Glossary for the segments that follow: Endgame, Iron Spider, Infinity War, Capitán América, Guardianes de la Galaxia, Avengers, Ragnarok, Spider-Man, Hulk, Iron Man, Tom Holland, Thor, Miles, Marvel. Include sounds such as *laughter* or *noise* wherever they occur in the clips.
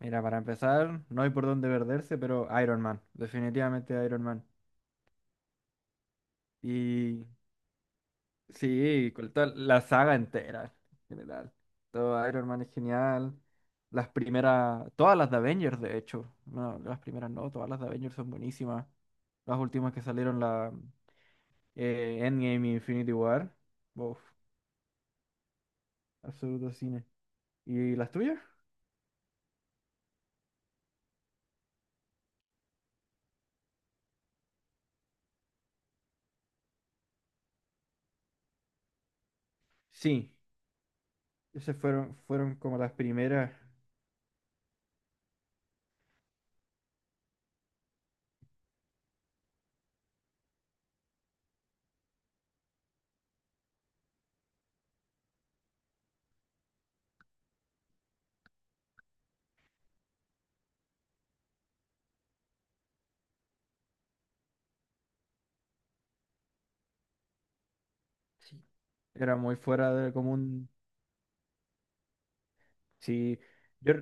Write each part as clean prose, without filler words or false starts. Mira, para empezar, no hay por dónde perderse, pero Iron Man, definitivamente Iron Man. Y sí, con toda la saga entera, en general. Todo Iron Man es genial. Las primeras, todas las de Avengers, de hecho. No, las primeras no, todas las de Avengers son buenísimas. Las últimas que salieron, la Endgame y Infinity War. Uf, absoluto cine. ¿Y las tuyas? Sí, esas fueron como las primeras. Era muy fuera del común. Sí. Yo,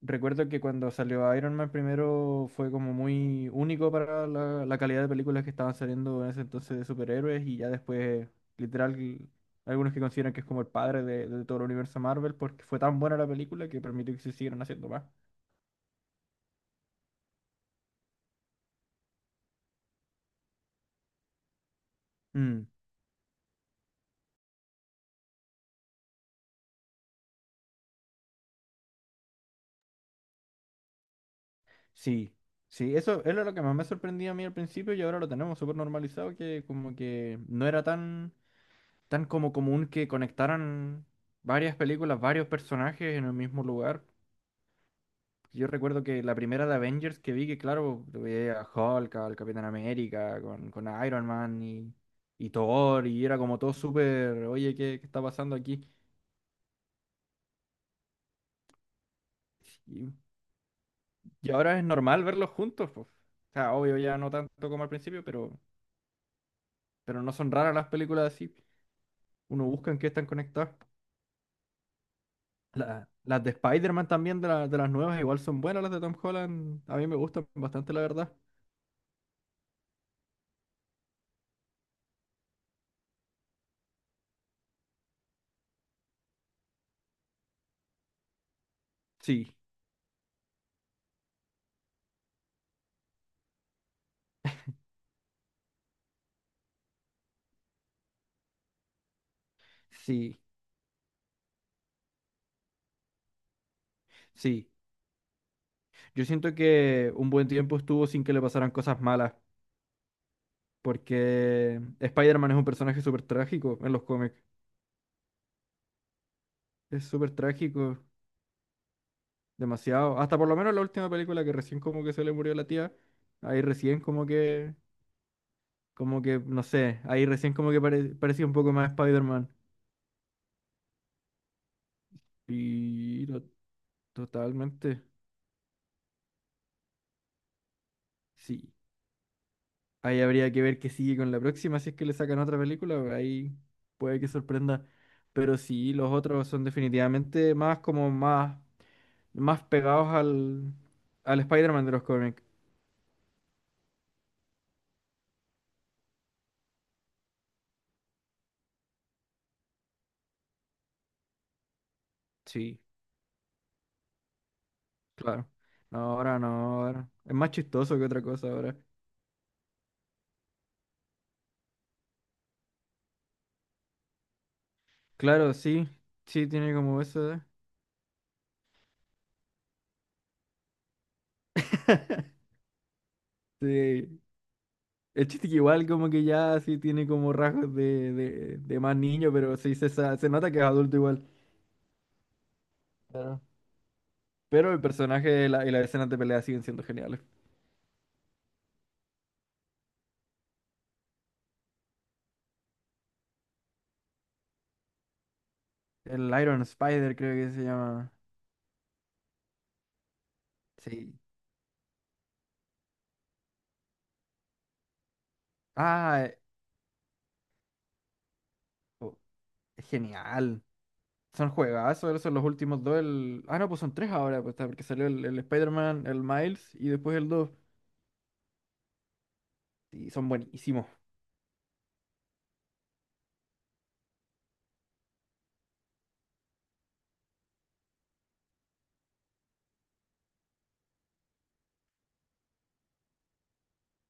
recuerdo que cuando salió Iron Man primero fue como muy único para la calidad de películas que estaban saliendo en ese entonces de superhéroes y ya después, literal, algunos que consideran que es como el padre de todo el universo Marvel porque fue tan buena la película que permitió que se siguieran haciendo más. Mm, sí, sí, eso era lo que más me sorprendía a mí al principio y ahora lo tenemos súper normalizado que como que no era tan, tan como común que conectaran varias películas, varios personajes en el mismo lugar. Yo recuerdo que la primera de Avengers que vi, que claro, lo veía a Hulk, al Capitán América, con Iron Man y Thor, y era como todo súper, oye, ¿qué, qué está pasando aquí? Y, y ahora es normal verlos juntos, pues. O sea, obvio ya no tanto como al principio, pero no son raras las películas así. Uno busca en qué están conectadas. Las de Spider-Man también, de, de las nuevas, igual son buenas las de Tom Holland. A mí me gustan bastante, la verdad. Sí, sí, sí. Yo siento que un buen tiempo estuvo sin que le pasaran cosas malas, porque Spider-Man es un personaje súper trágico en los cómics. Es súper trágico, demasiado. Hasta por lo menos la última película que recién como que se le murió la tía, ahí recién como que, no sé, ahí recién como que parecía un poco más Spider-Man. Y no- Totalmente, sí. Ahí habría que ver qué sigue con la próxima, si es que le sacan otra película, pues ahí puede que sorprenda. Pero sí, los otros son definitivamente más como más, más pegados al, al Spider-Man de los cómics. Sí, claro. No, ahora no, ahora. Es más chistoso que otra cosa ahora. Claro, sí. Sí, tiene como eso. *laughs* Sí. El chiste que igual como que ya sí tiene como rasgos de más niño, pero sí se, se nota que es adulto igual. Claro. Pero el personaje y la, y las escenas de pelea siguen siendo geniales. El Iron Spider creo que se llama. Sí. Ah, oh, es genial. Son juegazos, esos son los últimos dos. Ah, no, pues son tres ahora, pues, está, porque salió el Spider-Man, el Miles y después el dos. Y son buenísimos.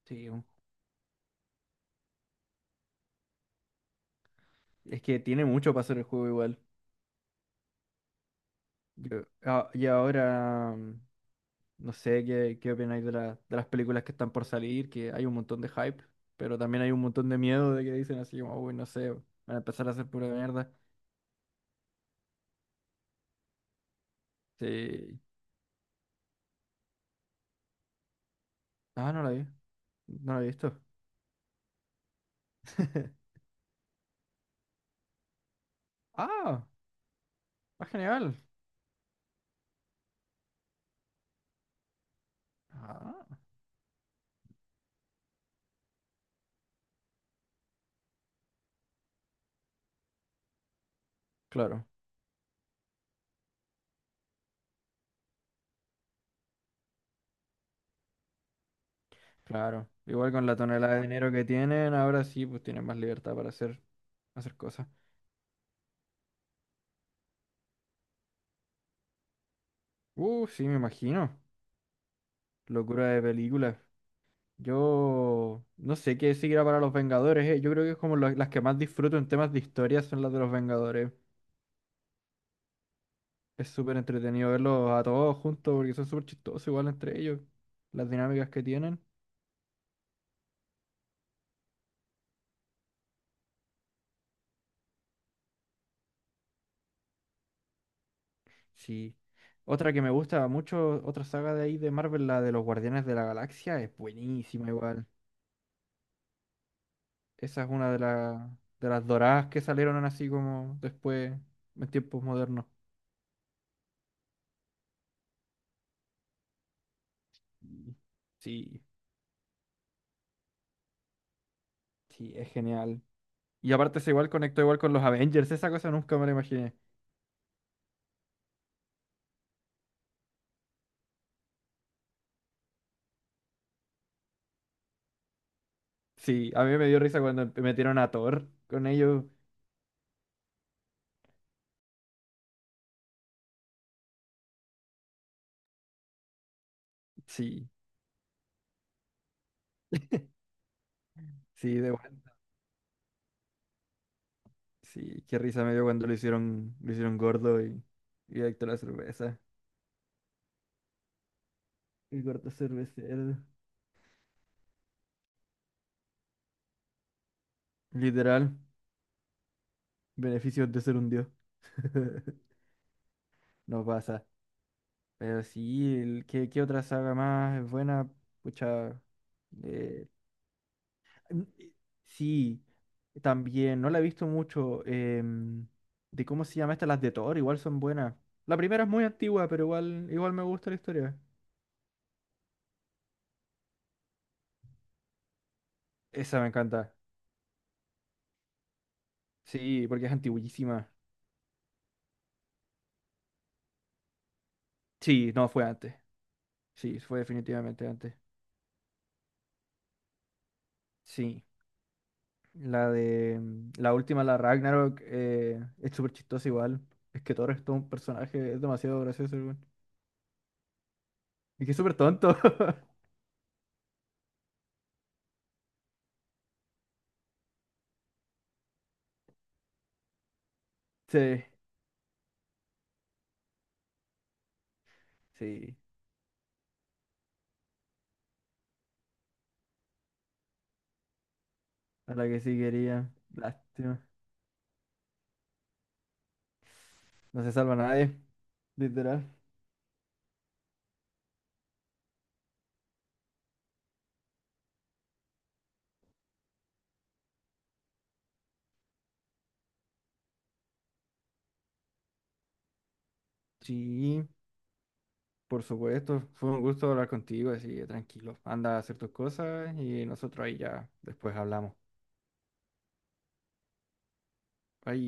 Sí, un- es que tiene mucho para hacer el juego igual. Ah, y ahora, no sé qué, qué opináis de, de las películas que están por salir, que hay un montón de hype, pero también hay un montón de miedo de que dicen así, como, uy, no sé, van a empezar a hacer pura mierda. Sí. Ah, no la vi, no la he visto. *laughs* Ah, ah, genial. Ah, claro. Claro. Igual con la tonelada de dinero que tienen, ahora sí, pues tienen más libertad para hacer, hacer cosas. Sí, me imagino. Locura de película. Yo no sé qué seguirá para los Vengadores, eh. Yo creo que es como las que más disfruto en temas de historia son las de los Vengadores. Es súper entretenido verlos a todos juntos porque son súper chistosos igual entre ellos. Las dinámicas que tienen. Sí. Otra que me gusta mucho, otra saga de ahí de Marvel, la de los Guardianes de la Galaxia, es buenísima igual. Esa es una de, de las doradas que salieron así como después, en tiempos modernos. Y sí, sí, es genial. Y aparte se igual conectó igual con los Avengers, esa cosa nunca me la imaginé. Sí, a mí me dio risa cuando metieron a Thor con ellos. Sí, *laughs* sí, de bueno. Sí, qué risa me dio cuando lo hicieron gordo y adicto a la cerveza. El gordo cervecero. Literal, beneficios de ser un dios. *laughs* No pasa. Pero sí, ¿qué, qué otra saga más es buena? Pucha. eh, n- eh, sí, también. No la he visto mucho. De cómo se llama esta, las de Thor, igual son buenas. La primera es muy antigua, pero igual, igual me gusta la historia. Esa me encanta. Sí, porque es antiguísima. Sí, no, fue antes. Sí, fue definitivamente antes. Sí. La última, la Ragnarok, es súper chistosa igual. Es que Thor es todo un personaje, es demasiado gracioso, weón. Es que es súper tonto. *laughs* Sí, sí. A la que sí quería. Lástima. No se salva nadie, literal. Sí, por supuesto. Fue un gusto hablar contigo, así que tranquilo. Anda a hacer tus cosas y nosotros ahí ya después hablamos. Bye.